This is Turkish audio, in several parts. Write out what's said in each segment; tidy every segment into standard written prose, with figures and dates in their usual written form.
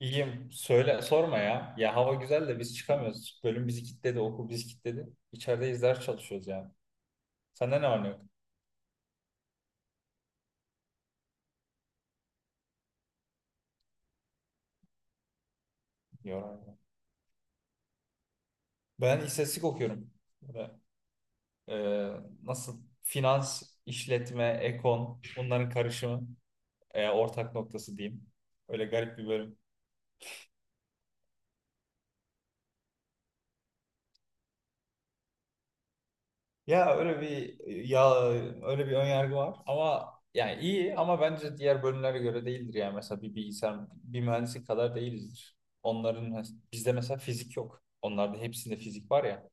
İyiyim. Söyle, sorma ya. Ya hava güzel de biz çıkamıyoruz. Bölüm bizi kilitledi, okul bizi kilitledi. İçerideyiz, ders çalışıyoruz yani. Sende ne var ne yok? Yok. Ben istatistik okuyorum. Böyle, e, nasıl? Finans, işletme, ekon bunların karışımı. Ortak noktası diyeyim. Öyle garip bir bölüm. Ya öyle bir ya öyle bir ön yargı var ama yani iyi ama bence diğer bölümlere göre değildir yani mesela bir bilgisayar bir mühendislik kadar değilizdir. Bizde mesela fizik yok. Onlarda hepsinde fizik var ya.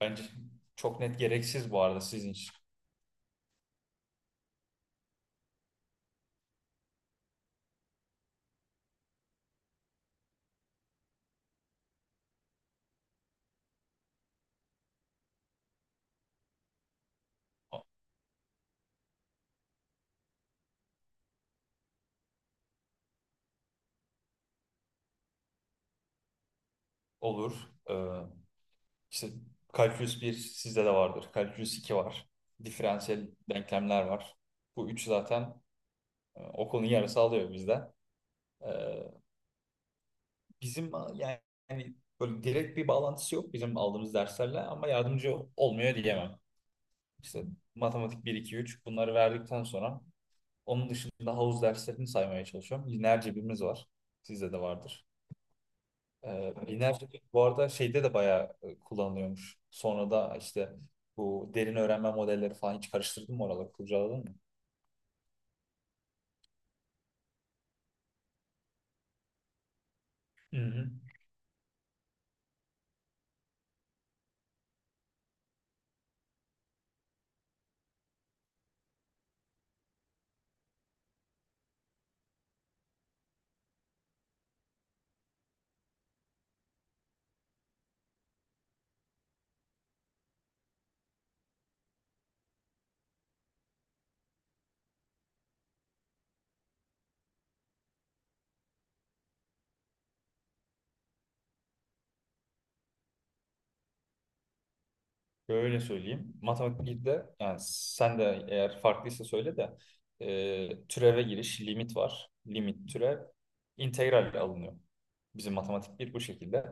Bence çok net gereksiz bu arada sizin için. Olur. Ee, işte kalkülüs 1 sizde de vardır. Kalkülüs 2 var. Diferansiyel denklemler var. Bu üç zaten okulun yarısı alıyor bizde. Ee, bizim yani böyle direkt bir bağlantısı yok bizim aldığımız derslerle ama yardımcı olmuyor diyemem. İşte matematik 1, 2, 3 bunları verdikten sonra onun dışında havuz derslerini saymaya çalışıyorum. Lineer cebimiz var. Sizde de vardır. Lineer cebir bu arada şeyde de bayağı kullanılıyormuş. Sonra da işte bu derin öğrenme modelleri falan hiç karıştırdın mı oraları kurcaladın mı? Hı hı. Böyle söyleyeyim. Matematik birde yani sen de eğer farklıysa söyle de türeve giriş limit var. Limit türev integralle alınıyor. Bizim matematik bir bu şekilde.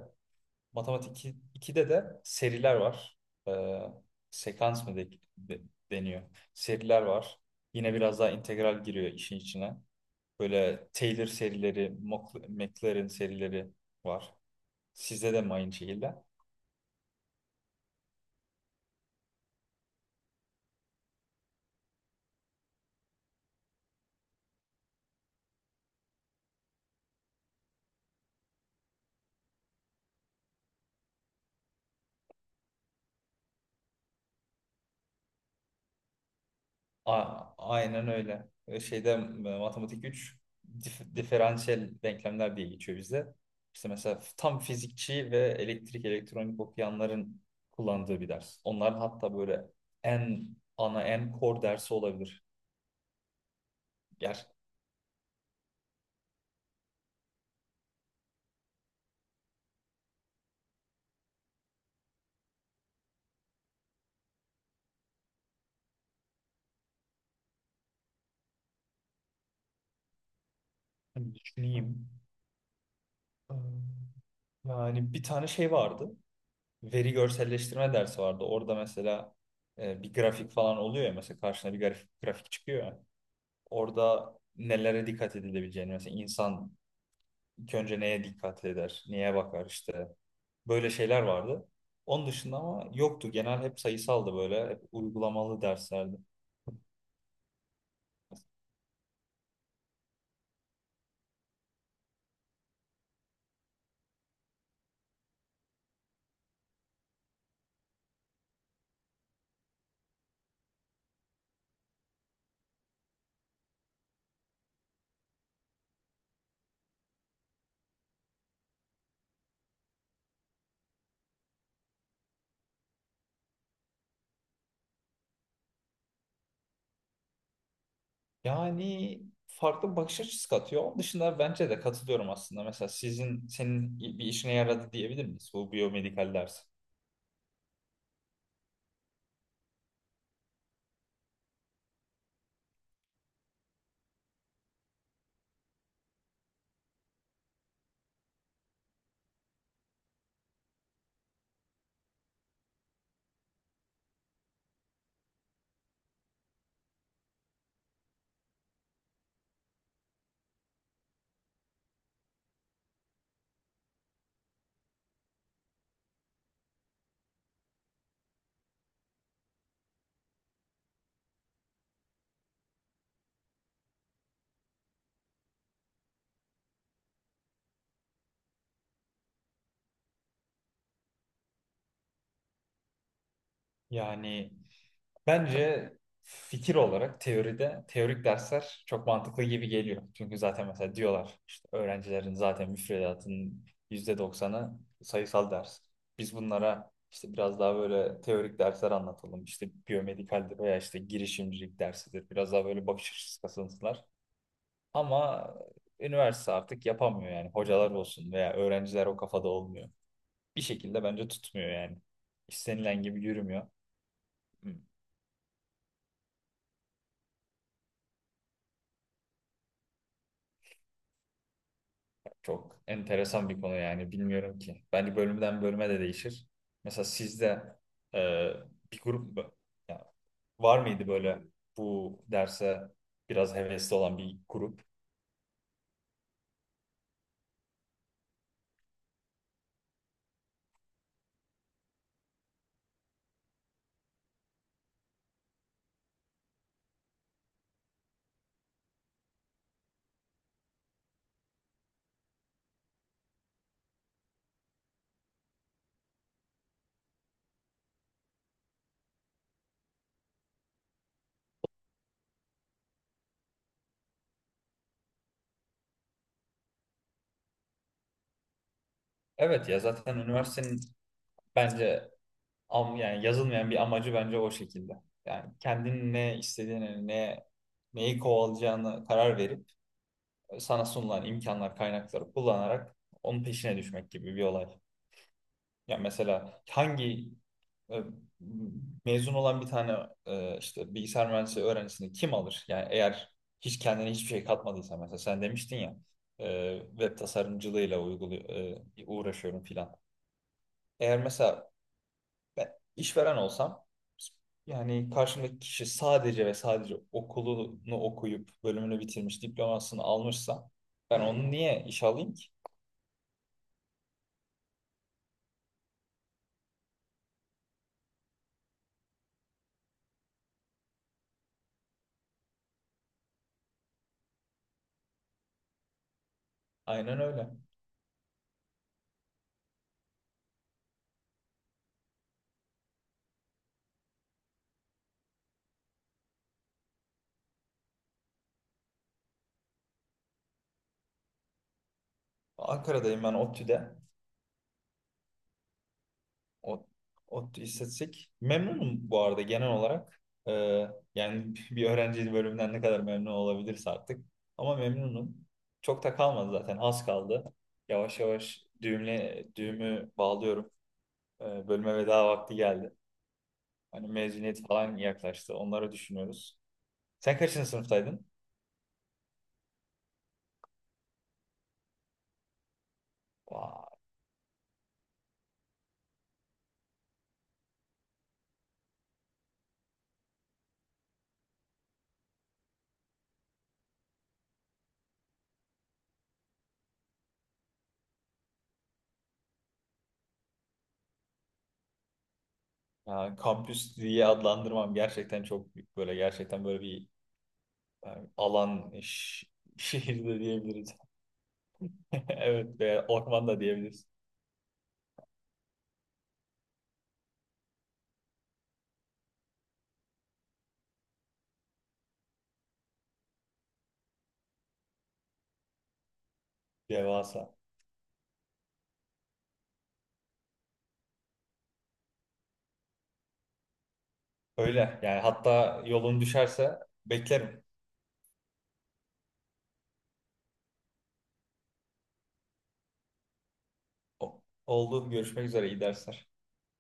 Matematik 2 2'de de seriler var. E, Sekans mı de- deniyor? Seriler var. Yine biraz daha integral giriyor işin içine. Böyle Taylor serileri, McLaren serileri var. Sizde de mi aynı şekilde? Aynen öyle. Şeyde, matematik 3 diferansiyel denklemler diye geçiyor bize. İşte mesela tam fizikçi ve elektrik elektronik okuyanların kullandığı bir ders. Onların hatta böyle en ana en core dersi olabilir. Ger Hani düşüneyim. Ee, Yani bir tane şey vardı. Veri görselleştirme dersi vardı. Orada mesela bir grafik falan oluyor ya mesela karşına bir grafik çıkıyor ya. Orada nelere dikkat edilebileceğini mesela insan İlk önce neye dikkat eder, neye bakar işte. Böyle şeyler vardı. Onun dışında ama yoktu. Genel hep sayısaldı böyle. Hep uygulamalı derslerdi. Yani farklı bir bakış açısı katıyor. Onun dışında bence de katılıyorum aslında. Mesela senin bir işine yaradı diyebilir miyiz bu biyomedikal ders? Yani bence fikir olarak teoride teorik dersler çok mantıklı gibi geliyor. Çünkü zaten mesela diyorlar işte öğrencilerin zaten müfredatının yüzde doksanı sayısal ders. Biz bunlara işte biraz daha böyle teorik dersler anlatalım. İşte biyomedikaldir veya işte girişimcilik dersidir. Biraz daha böyle bakış açısı kasınsınlar. Ama üniversite artık yapamıyor yani. Hocalar olsun veya öğrenciler o kafada olmuyor. Bir şekilde bence tutmuyor yani. İstenilen gibi yürümüyor. Çok enteresan bir konu yani bilmiyorum ki. Bence bölümden bölüme de değişir. Mesela sizde e, bir grup mu- ya var mıydı böyle bu derse biraz hevesli olan bir grup? Evet ya zaten üniversitenin bence yani yazılmayan bir amacı bence o şekilde. Yani kendinin ne istediğini, neyi kovalayacağını karar verip sana sunulan imkanlar, kaynakları kullanarak onun peşine düşmek gibi bir olay. Ya mesela hangi e, mezun olan bir tane işte bilgisayar mühendisliği öğrencisini kim alır? Yani eğer hiç kendine hiçbir şey katmadıysa mesela sen demiştin ya web tasarımcılığıyla uygulu uğraşıyorum filan. Eğer mesela ben işveren olsam yani karşımdaki kişi sadece ve sadece okulunu okuyup bölümünü bitirmiş diplomasını almışsa ben onu niye işe alayım ki? Aynen öyle. Ankara'dayım ben ODTÜ'de. O, ODTÜ İstatistik. Memnunum bu arada genel olarak. Ee, Yani bir öğrenci bölümünden ne kadar memnun olabilirse artık. Ama memnunum. Çok da kalmadı zaten. Az kaldı. Yavaş yavaş düğümü bağlıyorum. Bölüme veda vakti geldi. Hani mezuniyet falan yaklaştı. Onları düşünüyoruz. Sen kaçıncı sınıftaydın? Vay. Yani kampüs diye adlandırmam, gerçekten çok büyük. Böyle gerçekten böyle bir yani alan, şehirde diyebiliriz. Evet ve orman da diyebiliriz. Devasa. Öyle yani, hatta yolun düşerse beklerim. Oldu, görüşmek üzere, iyi dersler.